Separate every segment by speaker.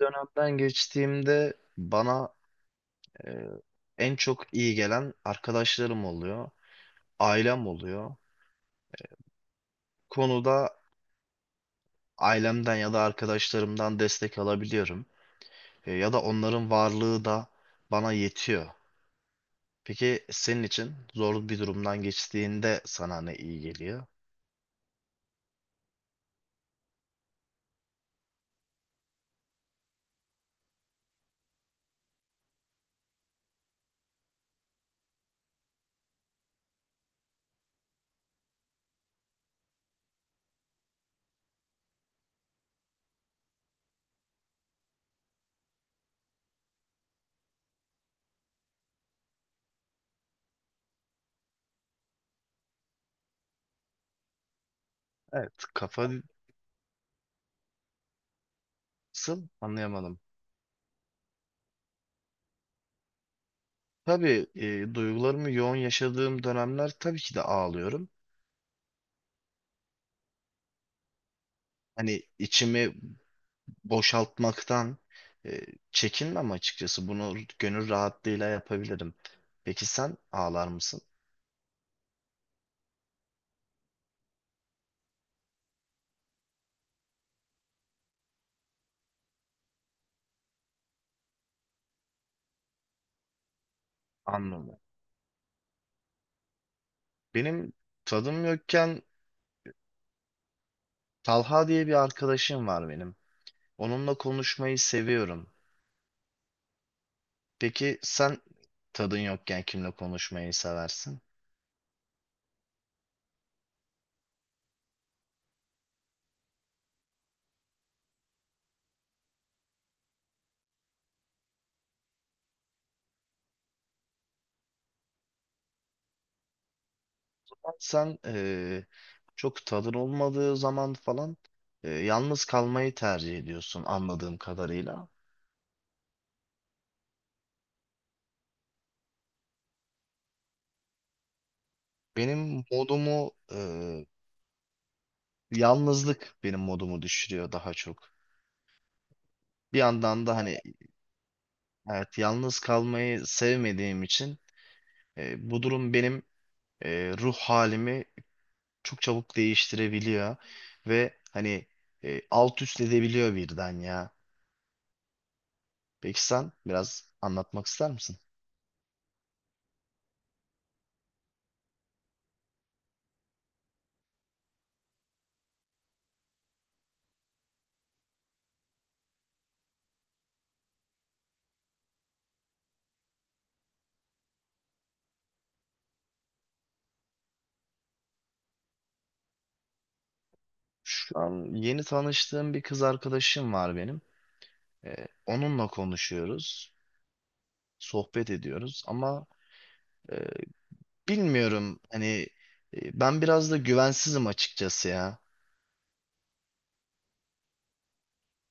Speaker 1: Dönemden geçtiğimde bana e, en çok iyi gelen arkadaşlarım oluyor, ailem oluyor. Konuda ailemden ya da arkadaşlarımdan destek alabiliyorum. Ya da onların varlığı da bana yetiyor. Peki senin için zor bir durumdan geçtiğinde sana ne iyi geliyor? Evet, kafasın anlayamadım. Tabii, duygularımı yoğun yaşadığım dönemler tabii ki de ağlıyorum. Hani içimi boşaltmaktan e, çekinmem açıkçası. Bunu gönül rahatlığıyla yapabilirim. Peki sen ağlar mısın? Anladım. Benim tadım yokken Talha diye bir arkadaşım var benim. Onunla konuşmayı seviyorum. Peki sen tadın yokken kimle konuşmayı seversin? Sen çok tadın olmadığı zaman falan yalnız kalmayı tercih ediyorsun anladığım kadarıyla. Benim modumu Yalnızlık benim modumu düşürüyor daha çok. Bir yandan da hani evet yalnız kalmayı sevmediğim için bu durum benim ruh halimi çok çabuk değiştirebiliyor ve hani alt üst edebiliyor birden ya. Peki sen biraz anlatmak ister misin? Şu an yeni tanıştığım bir kız arkadaşım var benim. Onunla konuşuyoruz, sohbet ediyoruz ama e, bilmiyorum, hani ben biraz da güvensizim açıkçası ya.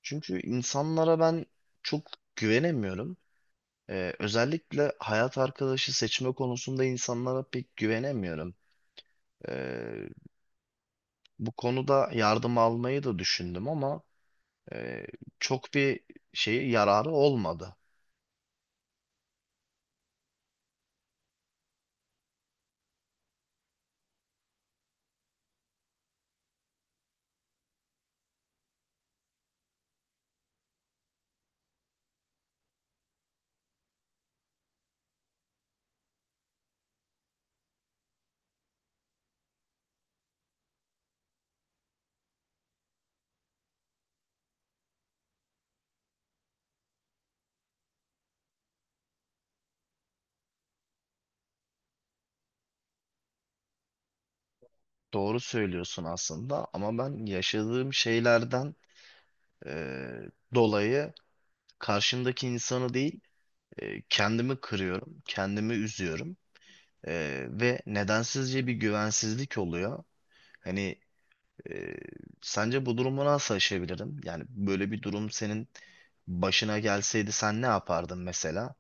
Speaker 1: Çünkü insanlara ben çok güvenemiyorum. Özellikle hayat arkadaşı seçme konusunda insanlara pek güvenemiyorum. Ee, Bu konuda yardım almayı da düşündüm ama e, çok bir şeyi yararı olmadı. Doğru söylüyorsun aslında ama ben yaşadığım şeylerden e, dolayı karşımdaki insanı değil, kendimi kırıyorum, kendimi üzüyorum. Ve nedensizce bir güvensizlik oluyor. Hani, Ee, sence bu durumu nasıl aşabilirim? Yani böyle bir durum senin başına gelseydi sen ne yapardın mesela?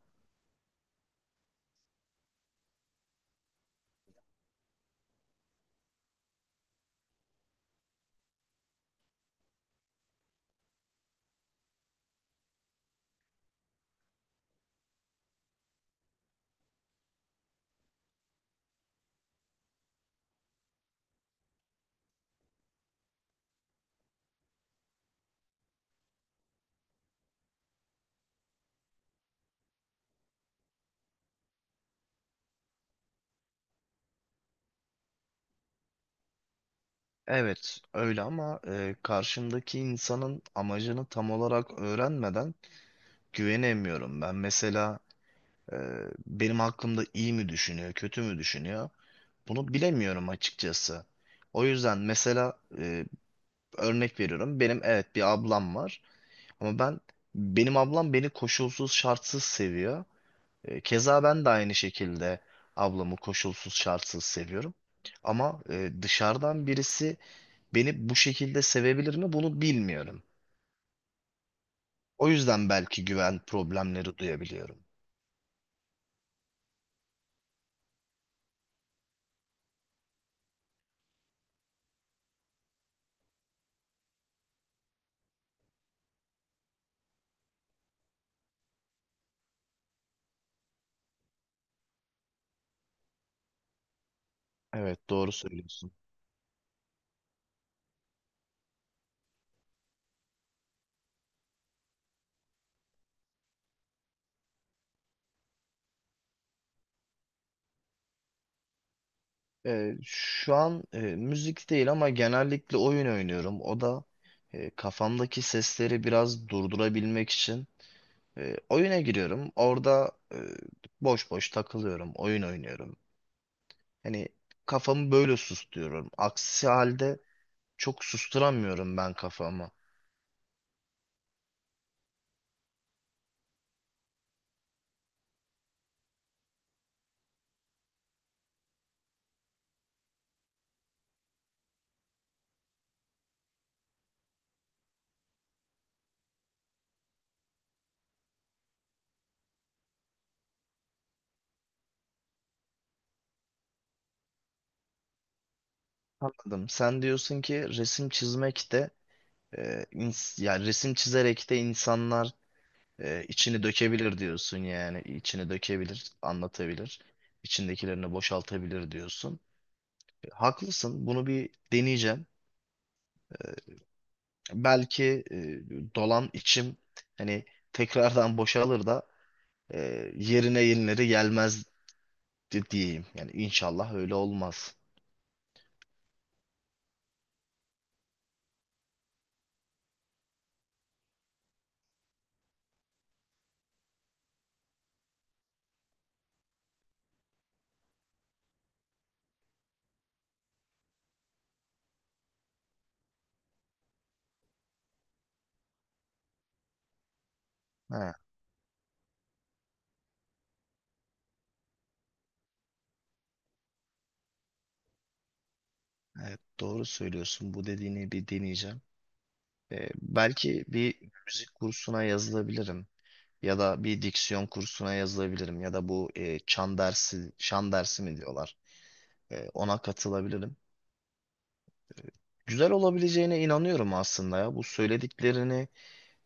Speaker 1: Evet, öyle ama karşımdaki insanın amacını tam olarak öğrenmeden güvenemiyorum. Ben mesela, e, benim hakkımda iyi mi düşünüyor, kötü mü düşünüyor? Bunu bilemiyorum açıkçası. O yüzden mesela örnek veriyorum. Benim evet bir ablam var ama benim ablam beni koşulsuz şartsız seviyor. Keza ben de aynı şekilde ablamı koşulsuz şartsız seviyorum. Ama dışarıdan birisi beni bu şekilde sevebilir mi, bunu bilmiyorum. O yüzden belki güven problemleri duyabiliyorum. Evet, doğru söylüyorsun. Şu an müzik değil ama genellikle oyun oynuyorum. O da kafamdaki sesleri biraz durdurabilmek için oyuna giriyorum. Orada boş boş takılıyorum, oyun oynuyorum. Hani kafamı böyle susturuyorum. Aksi halde çok susturamıyorum ben kafamı. Anladım. Sen diyorsun ki, resim çizmek de yani resim çizerek de insanlar içini dökebilir diyorsun yani. İçini dökebilir, anlatabilir. İçindekilerini boşaltabilir diyorsun. Haklısın. Bunu bir deneyeceğim. E, Belki dolan içim hani tekrardan boşalır da e, yerine yenileri gelmez diyeyim. Yani inşallah öyle olmaz. Ha, evet doğru söylüyorsun. Bu dediğini bir deneyeceğim. Belki bir müzik kursuna yazılabilirim. Ya da bir diksiyon kursuna yazılabilirim. Ya da bu şan dersi mi diyorlar? Ona katılabilirim. Güzel olabileceğine inanıyorum aslında ya. Bu söylediklerini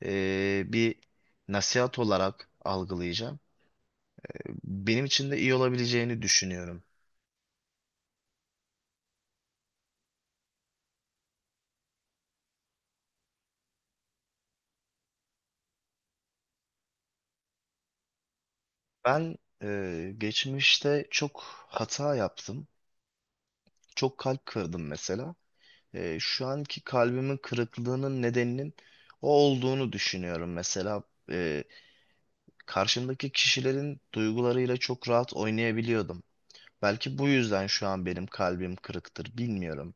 Speaker 1: bir nasihat olarak algılayacağım. Benim için de iyi olabileceğini düşünüyorum. Ben Geçmişte çok hata yaptım. Çok kalp kırdım mesela. Şu anki kalbimin kırıklığının nedeninin o olduğunu düşünüyorum. Mesela e, karşımdaki kişilerin duygularıyla çok rahat oynayabiliyordum. Belki bu yüzden şu an benim kalbim kırıktır, bilmiyorum.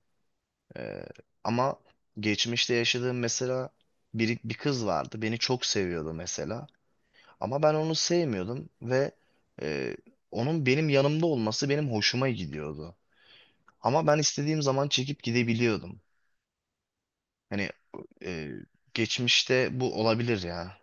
Speaker 1: Ee, Ama geçmişte yaşadığım mesela bir kız vardı. Beni çok seviyordu mesela. Ama ben onu sevmiyordum ve e, onun benim yanımda olması benim hoşuma gidiyordu. Ama ben istediğim zaman çekip gidebiliyordum. Hani e, geçmişte bu olabilir ya.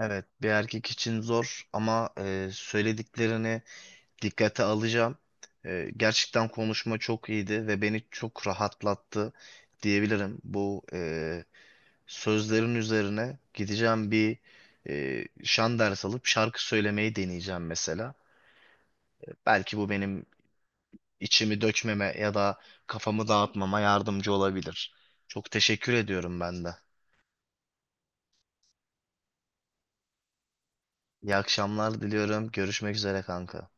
Speaker 1: Evet, bir erkek için zor ama söylediklerini dikkate alacağım. Gerçekten konuşma çok iyiydi ve beni çok rahatlattı diyebilirim. Bu sözlerin üzerine gideceğim, bir şan ders alıp şarkı söylemeyi deneyeceğim mesela. Belki bu benim içimi dökmeme ya da kafamı dağıtmama yardımcı olabilir. Çok teşekkür ediyorum ben de. İyi akşamlar diliyorum. Görüşmek üzere kanka.